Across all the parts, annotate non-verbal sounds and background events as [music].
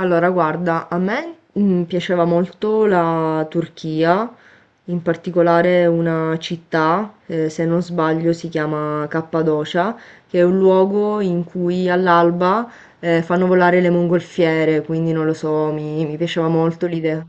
Allora, guarda, a me piaceva molto la Turchia, in particolare una città, se non sbaglio si chiama Cappadocia, che è un luogo in cui all'alba fanno volare le mongolfiere, quindi non lo so, mi piaceva molto l'idea.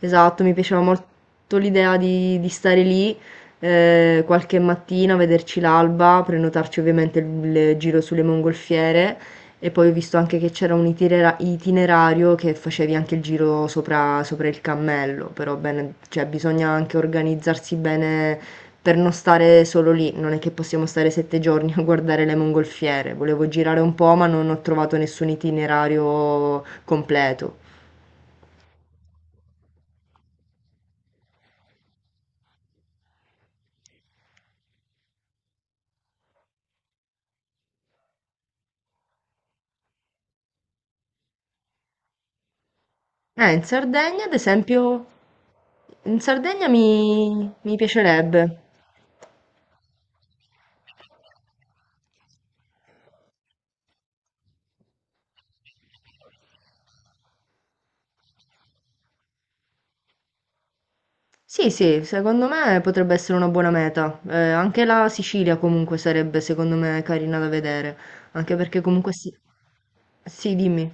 Esatto, mi piaceva molto l'idea di stare lì, qualche mattina, vederci l'alba, prenotarci ovviamente il giro sulle mongolfiere e poi ho visto anche che c'era un itinerario che facevi anche il giro sopra il cammello, però bene, cioè bisogna anche organizzarsi bene per non stare solo lì, non è che possiamo stare 7 giorni [laughs] a guardare le mongolfiere. Volevo girare un po', ma non ho trovato nessun itinerario completo. In Sardegna, ad esempio, in Sardegna mi piacerebbe. Sì, sì, secondo me potrebbe essere una buona meta. Anche la Sicilia comunque sarebbe, secondo me, carina da vedere. Anche perché comunque sì. Sì, dimmi.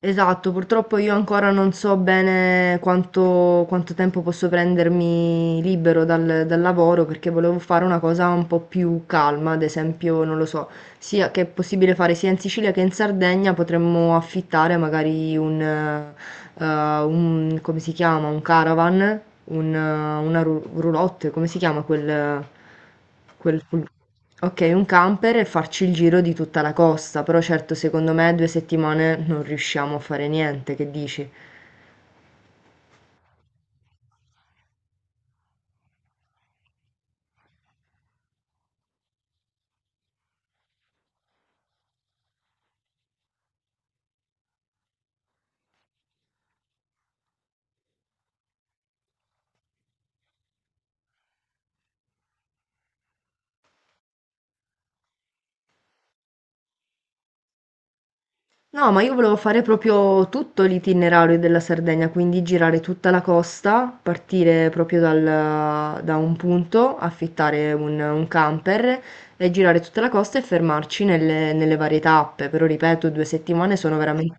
Esatto, purtroppo io ancora non so bene quanto tempo posso prendermi libero dal lavoro, perché volevo fare una cosa un po' più calma, ad esempio, non lo so, sì, a che è possibile fare sia in Sicilia che in Sardegna, potremmo affittare magari come si chiama? Un caravan, una roulotte, come si chiama quel- quel- ok, un camper, e farci il giro di tutta la costa, però certo secondo me due settimane non riusciamo a fare niente, che dici? No, ma io volevo fare proprio tutto l'itinerario della Sardegna, quindi girare tutta la costa, partire proprio da un punto, affittare un camper e girare tutta la costa e fermarci nelle varie tappe. Però ripeto, due settimane sono veramente...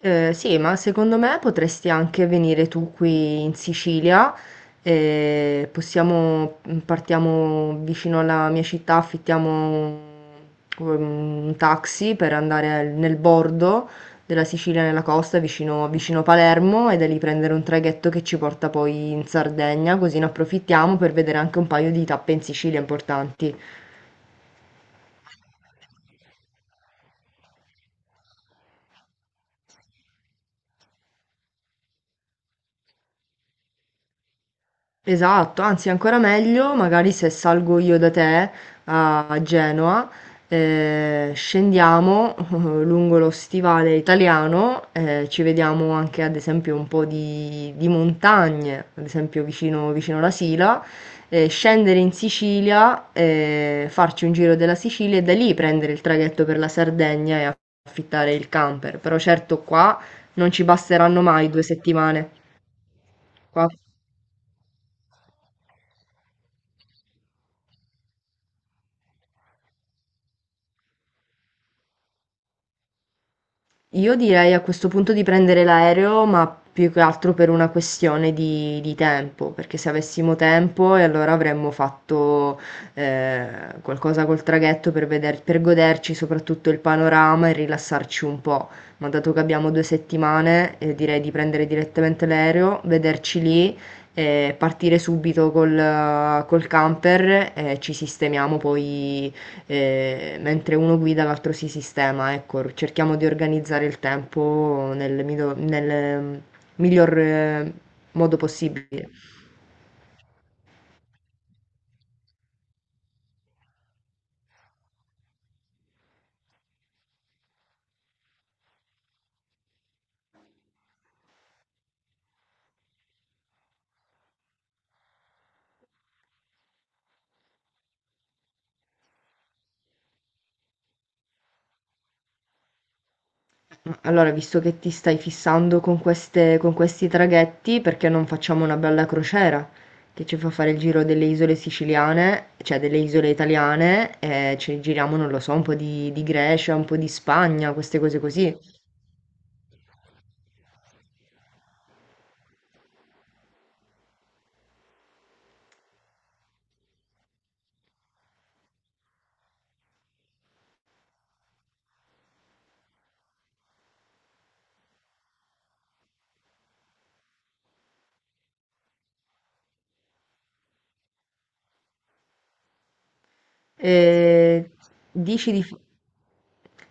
Sì, ma secondo me potresti anche venire tu qui in Sicilia, possiamo partiamo vicino alla mia città, affittiamo un taxi per andare nel bordo della Sicilia, nella costa, vicino Palermo, e da lì prendere un traghetto che ci porta poi in Sardegna, così ne approfittiamo per vedere anche un paio di tappe in Sicilia importanti. Esatto, anzi ancora meglio, magari se salgo io da te a Genova, scendiamo [laughs] lungo lo stivale italiano, ci vediamo anche ad esempio un po' di montagne, ad esempio vicino alla Sila, scendere in Sicilia, farci un giro della Sicilia e da lì prendere il traghetto per la Sardegna e affittare il camper. Però certo qua non ci basteranno mai due settimane. Qua io direi a questo punto di prendere l'aereo, ma più che altro per una questione di tempo, perché se avessimo tempo e allora avremmo fatto eh, qualcosa col traghetto per per goderci soprattutto il panorama e rilassarci un po'. Ma dato che abbiamo due settimane, direi di prendere direttamente l'aereo, vederci lì e partire subito col camper e ci sistemiamo poi, e mentre uno guida l'altro si sistema, ecco, cerchiamo di organizzare il tempo nel miglior modo possibile. Allora, visto che ti stai fissando con con questi traghetti, perché non facciamo una bella crociera che ci fa fare il giro delle isole siciliane, cioè delle isole italiane, e ci giriamo, non lo so, un po' di Grecia, un po' di Spagna, queste cose così. E dici di...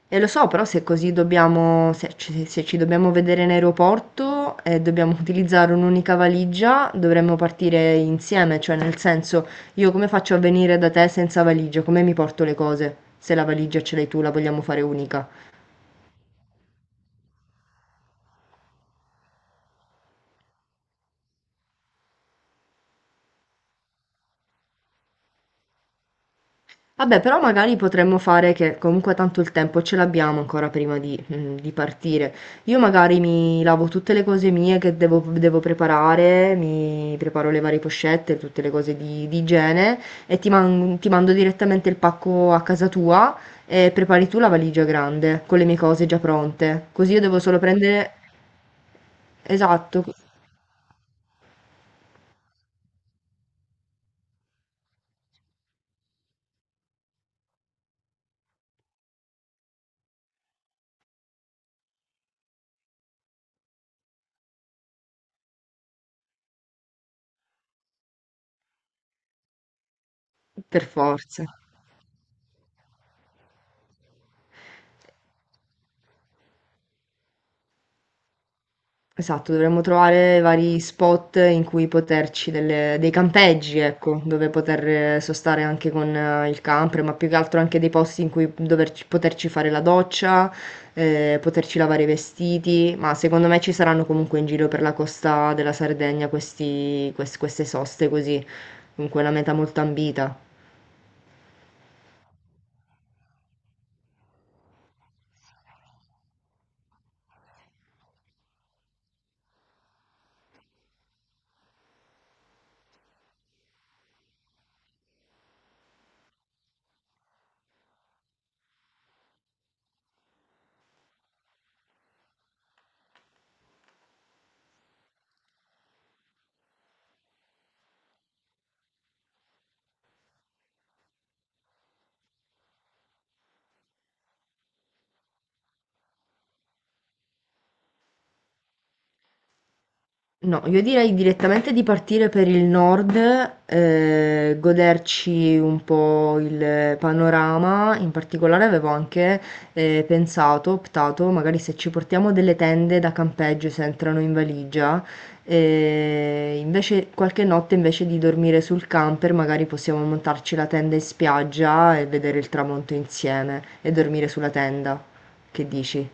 Eh, lo so, però se così dobbiamo, se ci dobbiamo vedere in aeroporto e dobbiamo [laughs] utilizzare un'unica valigia, dovremmo partire insieme, cioè nel senso, io come faccio a venire da te senza valigia? Come mi porto le cose? Se la valigia ce l'hai tu, la vogliamo fare unica. Vabbè, però magari potremmo fare che comunque tanto il tempo ce l'abbiamo ancora prima di, di partire. Io magari mi lavo tutte le cose mie che devo preparare, mi preparo le varie pochette, tutte le cose di igiene, e ti mando direttamente il pacco a casa tua, e prepari tu la valigia grande con le mie cose già pronte. Così io devo solo prendere, esatto, co, per forza. Esatto, dovremmo trovare vari spot in cui poterci, dei campeggi, ecco, dove poter sostare anche con il camper, ma più che altro anche dei posti in cui poterci fare la doccia, poterci lavare i vestiti, ma secondo me ci saranno comunque in giro per la costa della Sardegna queste soste così, comunque una meta molto ambita. No, io direi direttamente di partire per il nord, goderci un po' il panorama. In particolare avevo anche pensato, optato, magari se ci portiamo delle tende da campeggio, se entrano in valigia, invece qualche notte, invece di dormire sul camper, magari possiamo montarci la tenda in spiaggia e vedere il tramonto insieme e dormire sulla tenda. Che dici?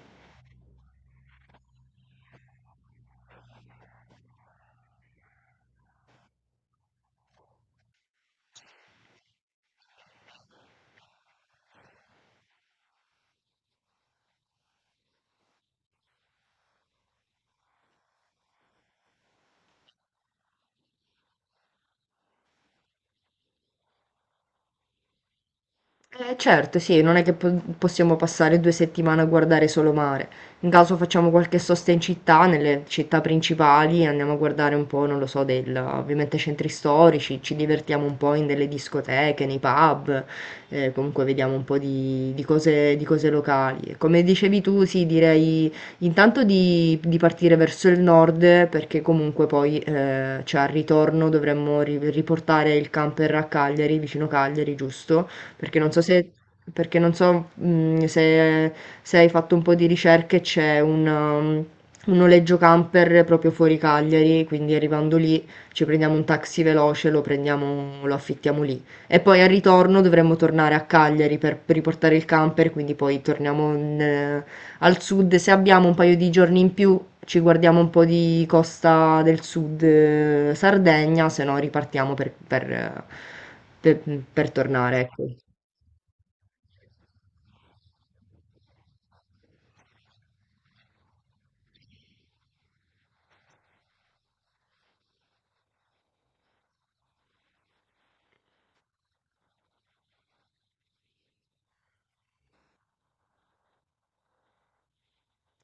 Certo, sì, non è che possiamo passare due settimane a guardare solo mare. In caso facciamo qualche sosta in città, nelle città principali, andiamo a guardare un po', non lo so, del, ovviamente centri storici, ci divertiamo un po' in delle discoteche, nei pub, comunque vediamo un po' di cose locali. E come dicevi tu, sì, direi intanto di partire verso il nord, perché comunque poi, cioè, al ritorno dovremmo riportare il camper a Cagliari, vicino Cagliari, giusto? Perché non so se, perché non so, se, se hai fatto un po' di ricerche, c'è um, un noleggio camper proprio fuori Cagliari, quindi arrivando lì ci prendiamo un taxi veloce, lo prendiamo, lo affittiamo lì. E poi al ritorno dovremmo tornare a Cagliari per riportare il camper, quindi poi torniamo in, al sud. Se abbiamo un paio di giorni in più, ci guardiamo un po' di costa del sud, Sardegna, se no ripartiamo per per tornare, ecco.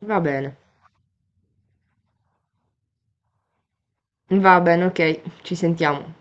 Va bene, va bene, ok, ci sentiamo.